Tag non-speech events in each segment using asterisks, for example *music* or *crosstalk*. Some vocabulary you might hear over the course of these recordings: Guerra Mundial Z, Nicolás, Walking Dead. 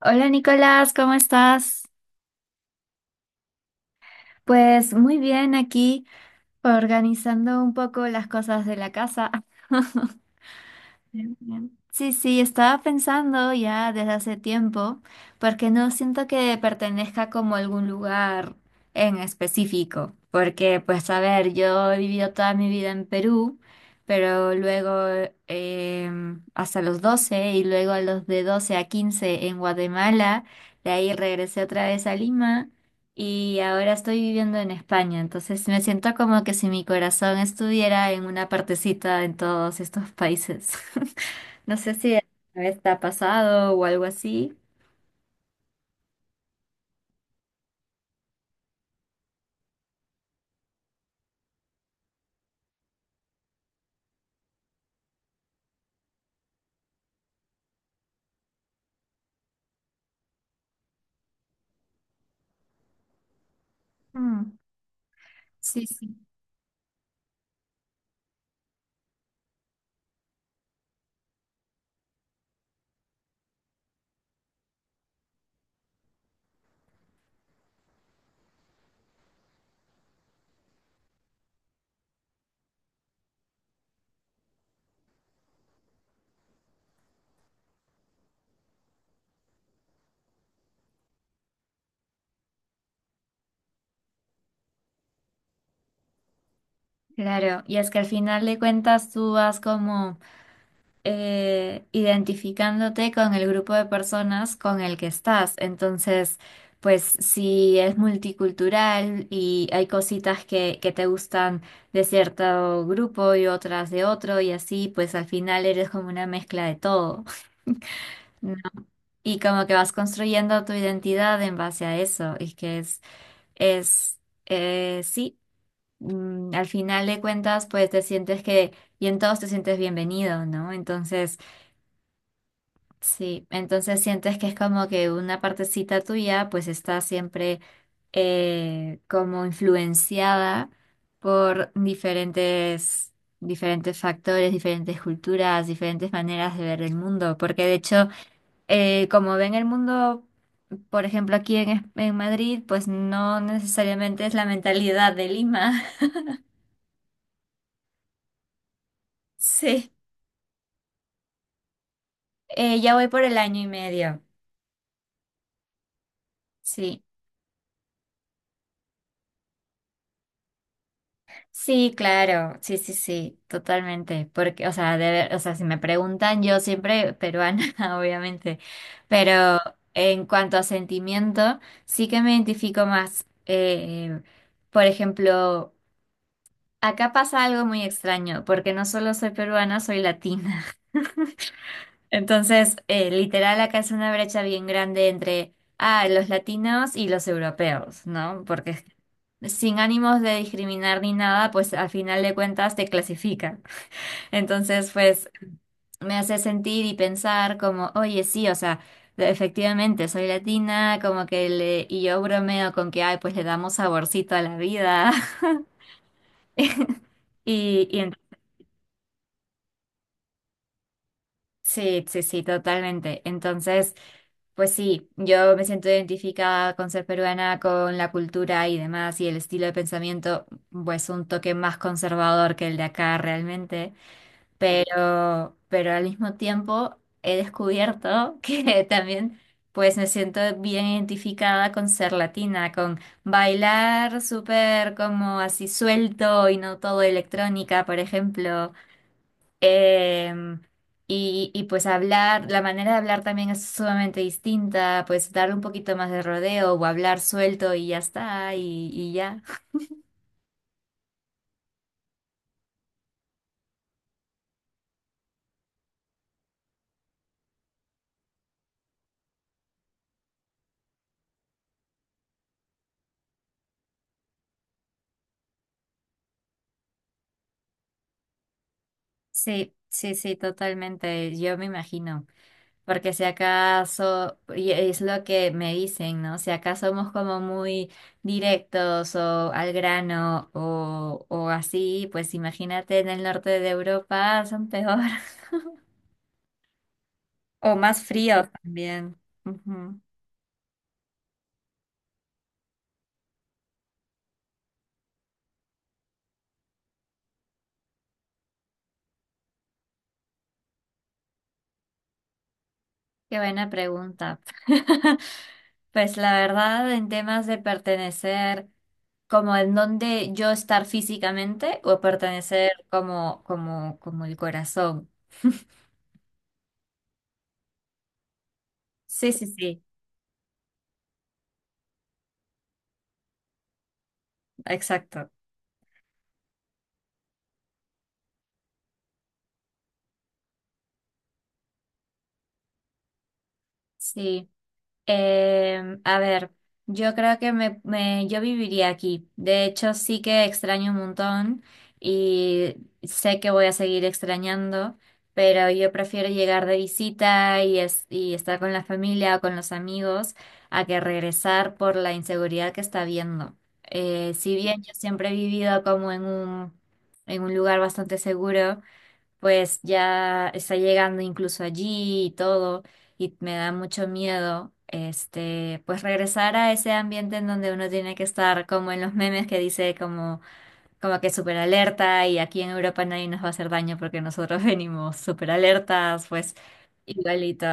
Hola Nicolás, ¿cómo estás? Pues muy bien aquí, organizando un poco las cosas de la casa. *laughs* Bien, bien. Sí, sí, estaba pensando ya desde hace tiempo, porque no siento que pertenezca como a algún lugar en específico, porque pues a ver, yo he vivido toda mi vida en Perú, pero luego hasta los 12 y luego a los de 12 a 15 en Guatemala. De ahí regresé otra vez a Lima y ahora estoy viviendo en España. Entonces me siento como que si mi corazón estuviera en una partecita en todos estos países. *laughs* No sé si a vez te ha pasado o algo así. Mm, sí, sí. Claro, y es que al final de cuentas tú vas como identificándote con el grupo de personas con el que estás. Entonces, pues si es multicultural y hay cositas que te gustan de cierto grupo y otras de otro y así, pues al final eres como una mezcla de todo, ¿no? Y como que vas construyendo tu identidad en base a eso, y que es. Sí. Al final de cuentas, pues te sientes que, y en todos te sientes bienvenido, ¿no? Entonces, sí, entonces sientes que es como que una partecita tuya pues está siempre como influenciada por diferentes factores, diferentes culturas, diferentes maneras de ver el mundo. Porque de hecho como ven el mundo, por ejemplo aquí en en Madrid, pues no necesariamente es la mentalidad de Lima. *laughs* Sí. Ya voy por el 1 año y medio. Sí. Sí, claro, sí, sí, sí, totalmente, porque, o sea, o sea, si me preguntan, yo siempre peruana, *laughs* obviamente, pero en cuanto a sentimiento, sí que me identifico más. Por ejemplo, acá pasa algo muy extraño, porque no solo soy peruana, soy latina. Entonces, literal, acá es una brecha bien grande entre los latinos y los europeos, ¿no? Porque sin ánimos de discriminar ni nada, pues al final de cuentas te clasifica. *laughs* Entonces, pues me hace sentir y pensar como, oye, sí, o sea, efectivamente soy latina, como que le, y yo bromeo con que, ay, pues le damos saborcito a la vida. *laughs* Y, y sí, sí, sí, totalmente. Entonces, pues sí, yo me siento identificada con ser peruana, con la cultura y demás, y el estilo de pensamiento, pues un toque más conservador que el de acá realmente. Pero al mismo tiempo he descubierto *laughs* que también, pues me siento bien identificada con ser latina, con bailar súper como así suelto y no todo electrónica, por ejemplo. Em, y, y pues hablar, la manera de hablar también es sumamente distinta, pues darle un poquito más de rodeo o hablar suelto y ya está, y ya. Sí, sí, sí, totalmente, yo me imagino, porque si acaso, y es lo que me dicen, ¿no? Si acaso somos como muy directos o al grano o así, pues imagínate en el norte de Europa son peor *laughs* o más fríos también. Ujú. Qué buena pregunta. *laughs* Pues la verdad, en temas de pertenecer, como en dónde yo estar físicamente o pertenecer como, como, como el corazón. *laughs* Sí, sí, sí, exacto. Sí. A ver, yo creo que yo viviría aquí. De hecho, sí que extraño un montón y sé que voy a seguir extrañando, pero yo prefiero llegar de visita y, y estar con la familia o con los amigos a que regresar por la inseguridad que está habiendo. Si bien yo siempre he vivido como en en un lugar bastante seguro, pues ya está llegando incluso allí y todo, y me da mucho miedo, este, pues regresar a ese ambiente en donde uno tiene que estar como en los memes que dice como, como que súper alerta, y aquí en Europa nadie nos va a hacer daño porque nosotros *laughs* venimos súper alertas, pues igualito.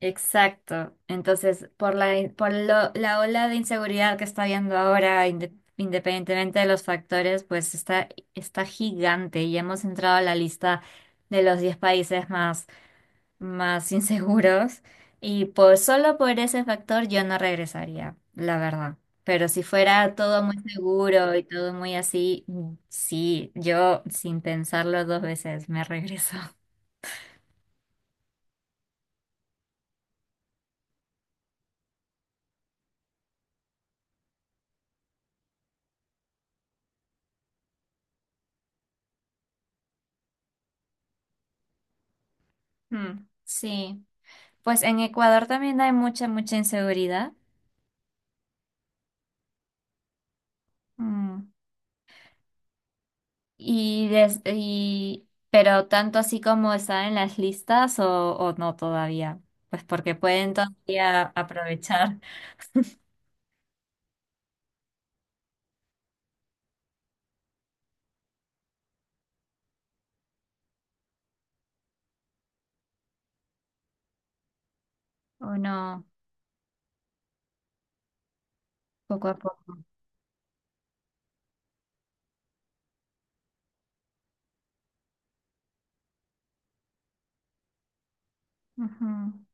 Exacto. Entonces, por por la ola de inseguridad que está habiendo ahora, independientemente de los factores, pues está gigante y hemos entrado a la lista de los 10 países más *laughs* inseguros. Y por, solo por ese factor yo no regresaría, la verdad. Pero si fuera todo muy seguro y todo muy así, mm, sí, yo sin pensarlo dos veces me regreso. Mm, sí. Pues en Ecuador también hay mucha inseguridad. Mm. Y, pero tanto así como están en las listas o no todavía. Pues porque pueden todavía aprovechar *laughs* o no, poco a poco. Ujú.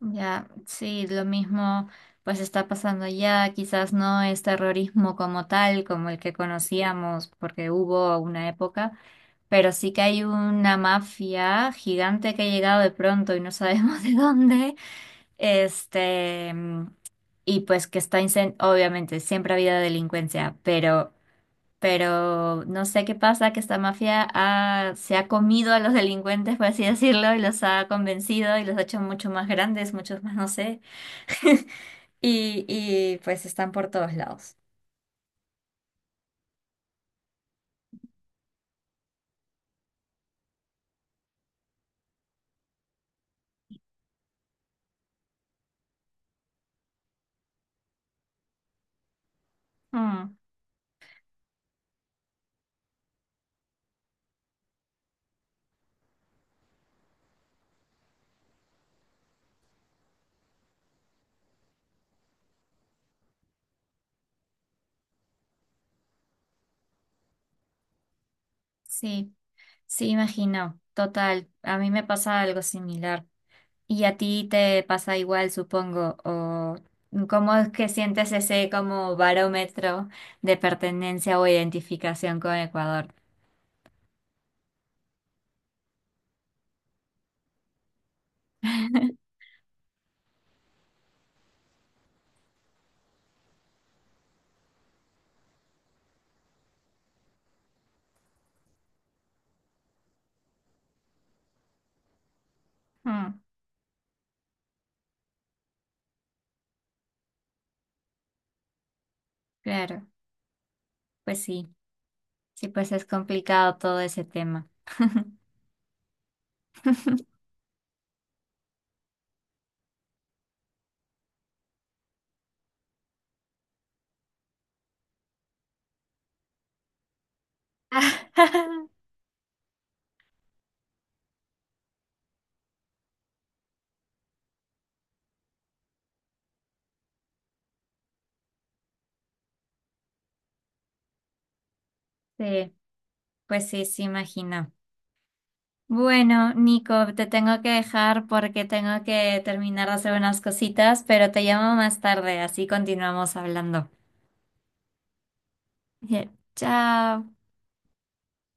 Ya, sí, lo mismo pues está pasando ya. Quizás no es terrorismo como tal, como el que conocíamos, porque hubo una época. Pero sí que hay una mafia gigante que ha llegado de pronto y no sabemos *laughs* de dónde. Este, mm, y pues que obviamente, siempre ha habido delincuencia, pero no sé qué pasa, que esta mafia se ha comido a los *laughs* delincuentes, por así decirlo, y los ha convencido y los ha hecho mucho más grandes, muchos más, no sé. *laughs* Y, y pues están por todos lados. Mm, sí, sí, imagino. Total, a mí me pasa algo similar. Y a ti te pasa igual, supongo, o cómo es que sientes ese como barómetro de pertenencia o identificación con Ecuador. Mm, claro, pues sí, sí, pues es complicado todo ese tema. *laughs* *laughs* Sí, pues sí, sí, imagino. Bueno, Nico, te tengo que dejar porque tengo que terminar de hacer unas cositas, pero te llamo más tarde, así continuamos hablando. *laughs* Bien, chao.